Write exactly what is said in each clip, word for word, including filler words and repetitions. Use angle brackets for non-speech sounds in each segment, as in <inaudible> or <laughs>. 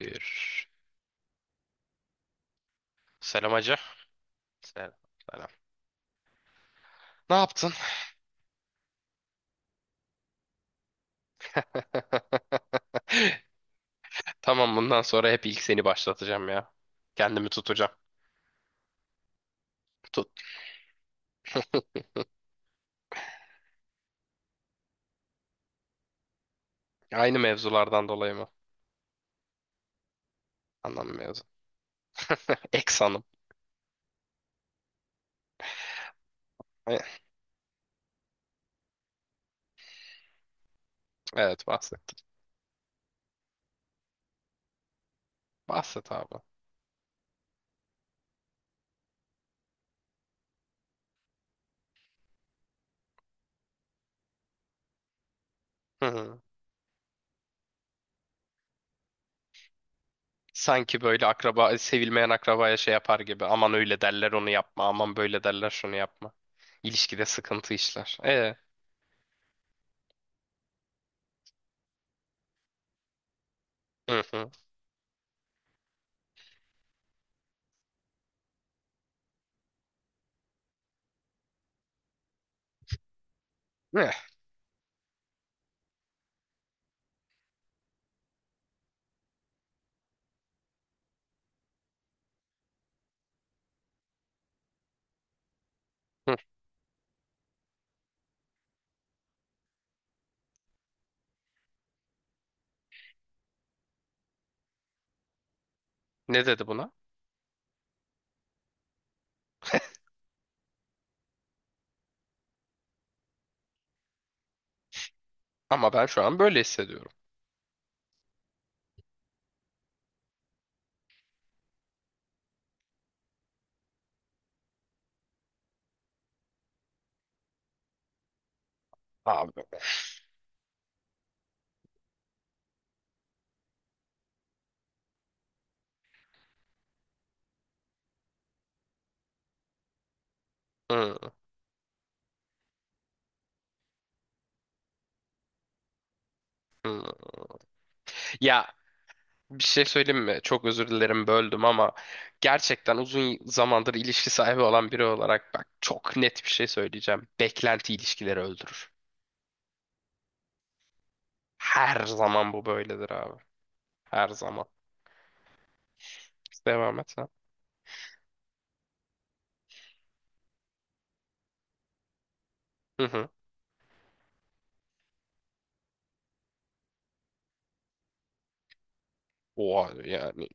Bir. Selam hacı. Selam. Selam. Ne yaptın? <laughs> Tamam bundan sonra hep ilk seni başlatacağım ya. Kendimi tutacağım. Tut. <laughs> Aynı mevzulardan dolayı mı? Anlam mevzu. Eks hanım. E, Evet bahsettim. Bahset abi. Hı hı. Sanki böyle akraba, sevilmeyen akrabaya şey yapar gibi. Aman öyle derler onu yapma. Aman böyle derler şunu yapma. İlişkide sıkıntı işler. E. Hı hı. Eh, hı. Ne dedi buna? Ama ben şu an böyle hissediyorum. Abi. Hı, hı. Ya bir şey söyleyeyim mi? Çok özür dilerim böldüm ama gerçekten uzun zamandır ilişki sahibi olan biri olarak bak çok net bir şey söyleyeceğim. Beklenti ilişkileri öldürür. Her zaman bu böyledir abi. Her zaman. Devam et sen. Hı hı. Oha yani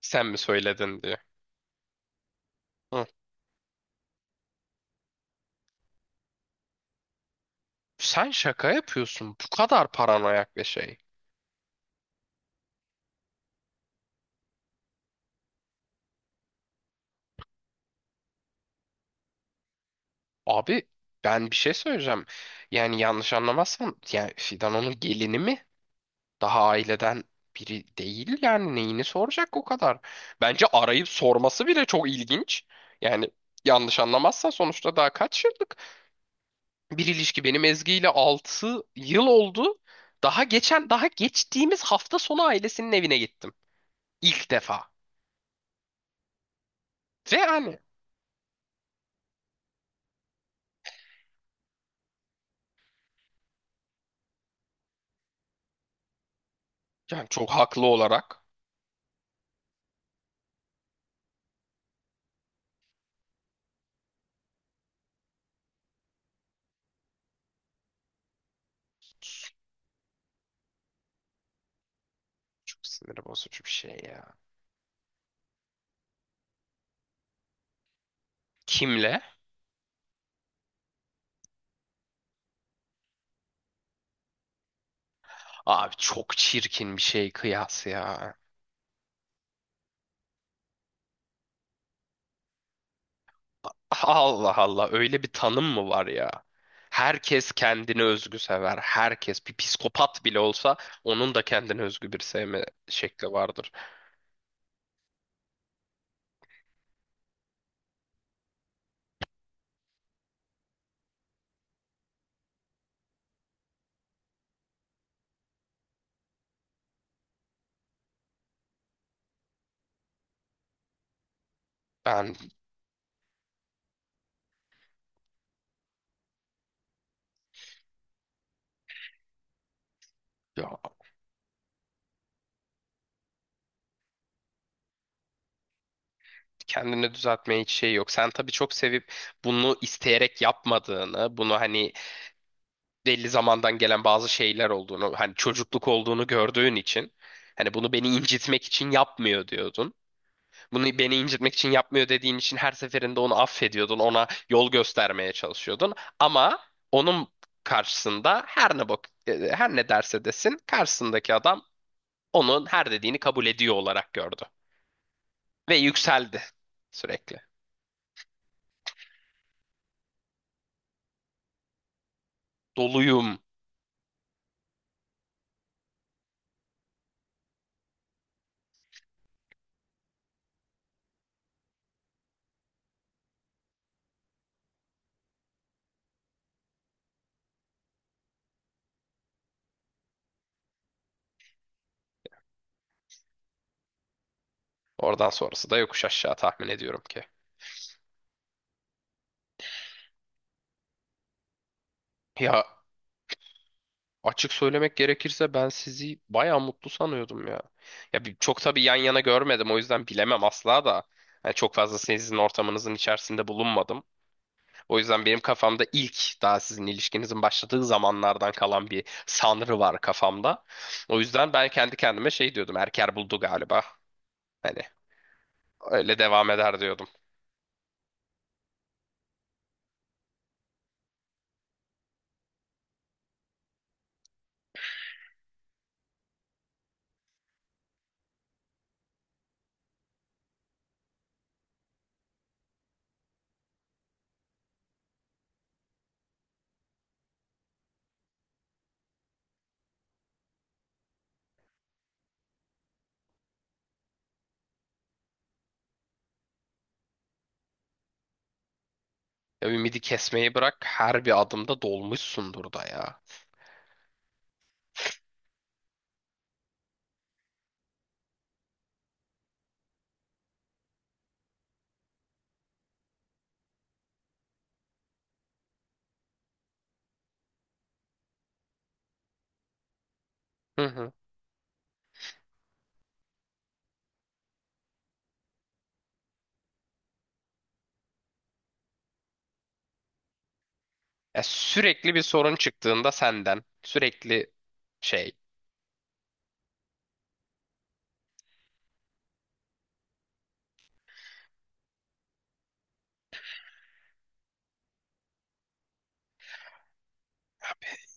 sen mi söyledin diye. Hı. Sen şaka yapıyorsun. Bu kadar paranoyak bir şey. Abi ben bir şey söyleyeceğim. Yani yanlış anlamazsan yani Fidan onun gelini mi? Daha aileden biri değil yani neyini soracak o kadar. Bence arayıp sorması bile çok ilginç. Yani yanlış anlamazsan sonuçta daha kaç yıllık bir ilişki benim Ezgi ile altı yıl oldu. Daha geçen daha geçtiğimiz hafta sonu ailesinin evine gittim. İlk defa. Ve yani yani çok haklı olarak çok sinir bozucu bir şey ya. Kimle? Abi çok çirkin bir şey kıyas ya. Allah Allah öyle bir tanım mı var ya? Herkes kendine özgü sever. Herkes bir psikopat bile olsa onun da kendine özgü bir sevme şekli vardır. Ben ya, kendini düzeltmeye hiç şey yok. Sen tabii çok sevip bunu isteyerek yapmadığını, bunu hani belli zamandan gelen bazı şeyler olduğunu, hani çocukluk olduğunu gördüğün için hani bunu beni incitmek için yapmıyor diyordun. Bunu beni incitmek için yapmıyor dediğin için her seferinde onu affediyordun, ona yol göstermeye çalışıyordun. Ama onun karşısında her ne bak e, her ne derse desin karşısındaki adam onun her dediğini kabul ediyor olarak gördü ve yükseldi sürekli. Doluyum. Oradan sonrası da yokuş aşağı tahmin ediyorum ki. Ya açık söylemek gerekirse ben sizi bayağı mutlu sanıyordum ya. Ya bir- çok tabii yan yana görmedim o yüzden bilemem asla da. Yani çok fazla sizin ortamınızın içerisinde bulunmadım. O yüzden benim kafamda ilk daha sizin ilişkinizin başladığı zamanlardan kalan bir sanrı var kafamda. O yüzden ben kendi kendime şey diyordum. Erker buldu galiba. Hani öyle devam eder diyordum. Ya ümidi kesmeyi bırak her bir adımda dolmuşsundur da ya. Hı hı. Ya sürekli bir sorun çıktığında senden sürekli şey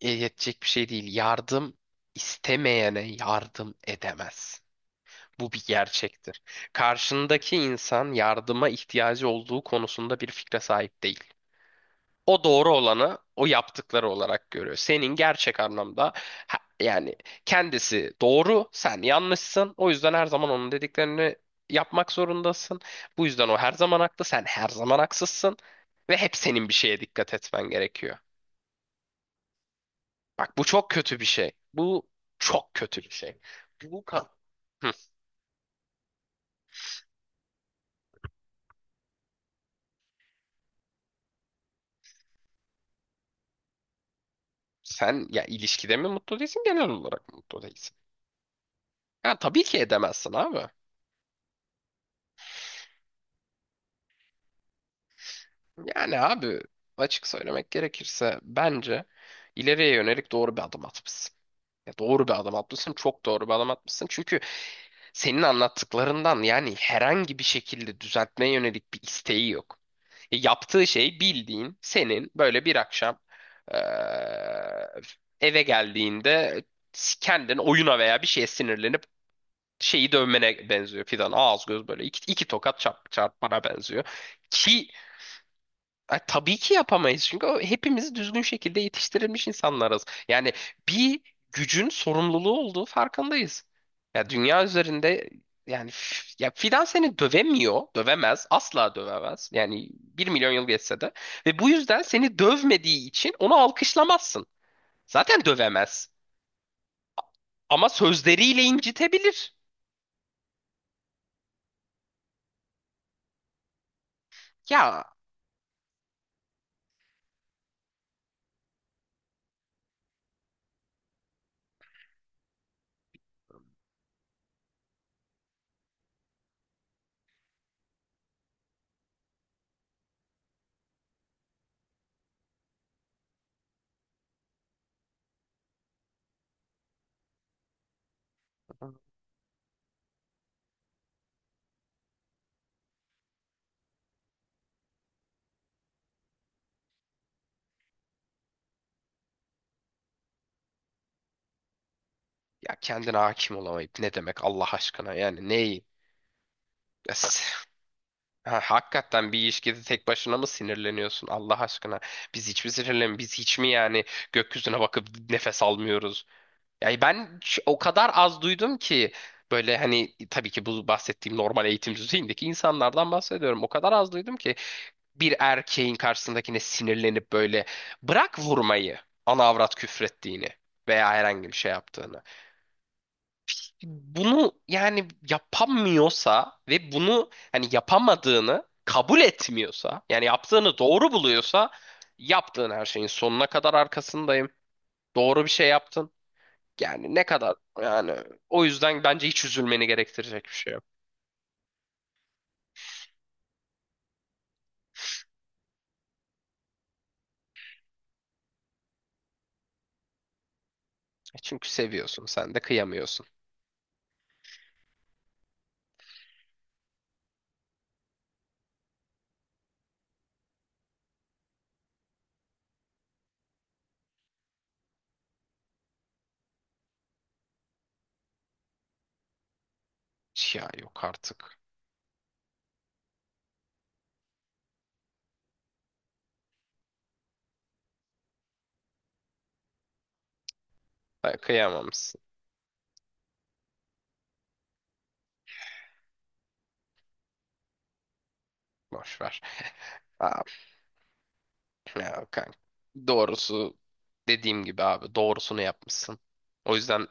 yetecek bir şey değil. Yardım istemeyene yardım edemez. Bu bir gerçektir. Karşındaki insan yardıma ihtiyacı olduğu konusunda bir fikre sahip değil. O doğru olanı o yaptıkları olarak görüyor. Senin gerçek anlamda ha- yani kendisi doğru, sen yanlışsın. O yüzden her zaman onun dediklerini yapmak zorundasın. Bu yüzden o her zaman haklı, sen her zaman haksızsın ve hep senin bir şeye dikkat etmen gerekiyor. Bak bu çok kötü bir şey. Bu çok kötü bir şey. Bu kan. Sen ya ilişkide mi mutlu değilsin genel olarak mı mutlu değilsin? Ya tabii ki edemezsin abi. Yani abi açık söylemek gerekirse bence ileriye yönelik doğru bir adım atmışsın. Ya doğru bir adım atmışsın, çok doğru bir adım atmışsın. Çünkü senin anlattıklarından yani herhangi bir şekilde düzeltmeye yönelik bir isteği yok. E, yaptığı şey bildiğin senin böyle bir akşam eee, eve geldiğinde kendin oyuna veya bir şeye sinirlenip şeyi dövmene benziyor Fidan. Ağız göz böyle iki, iki tokat çarp, çarpmana benziyor. Ki e, tabii ki yapamayız. Çünkü o, hepimiz düzgün şekilde yetiştirilmiş insanlarız. Yani bir gücün sorumluluğu olduğu farkındayız. Ya dünya üzerinde yani f- ya Fidan seni dövemiyor, dövemez, asla dövemez. Yani bir milyon yıl geçse de ve bu yüzden seni dövmediği için onu alkışlamazsın. Zaten dövemez. Ama sözleriyle incitebilir. Ya Ya kendine hakim olamayıp ne demek Allah aşkına yani neyi? Es- Ha, hakikaten bir ilişkide tek başına mı sinirleniyorsun Allah aşkına? Biz hiç mi sinirlen, biz hiç mi yani gökyüzüne bakıp nefes almıyoruz? Yani ben ç- o kadar az duydum ki böyle hani tabii ki bu bahsettiğim normal eğitim düzeyindeki insanlardan bahsediyorum. O kadar az duydum ki bir erkeğin karşısındakine sinirlenip böyle bırak vurmayı ana avrat küfrettiğini veya herhangi bir şey yaptığını. Bunu yani yapamıyorsa ve bunu hani yapamadığını kabul etmiyorsa yani yaptığını doğru buluyorsa yaptığın her şeyin sonuna kadar arkasındayım. Doğru bir şey yaptın. Yani ne kadar yani o yüzden bence hiç üzülmeni gerektirecek bir şey yok. E çünkü seviyorsun sen de kıyamıyorsun. Ya yok artık. Ha, kıyamamışsın. Boş ver. Aa, ya kanka. Doğrusu dediğim gibi abi doğrusunu yapmışsın. O yüzden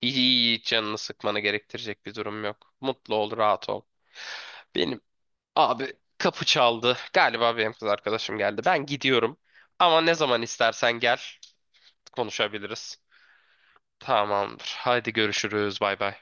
iyi iyi hiç canını sıkmanı gerektirecek bir durum yok. Mutlu ol, rahat ol. Benim abi kapı çaldı. Galiba benim kız arkadaşım geldi. Ben gidiyorum. Ama ne zaman istersen gel konuşabiliriz. Tamamdır. Haydi görüşürüz. Bay bay.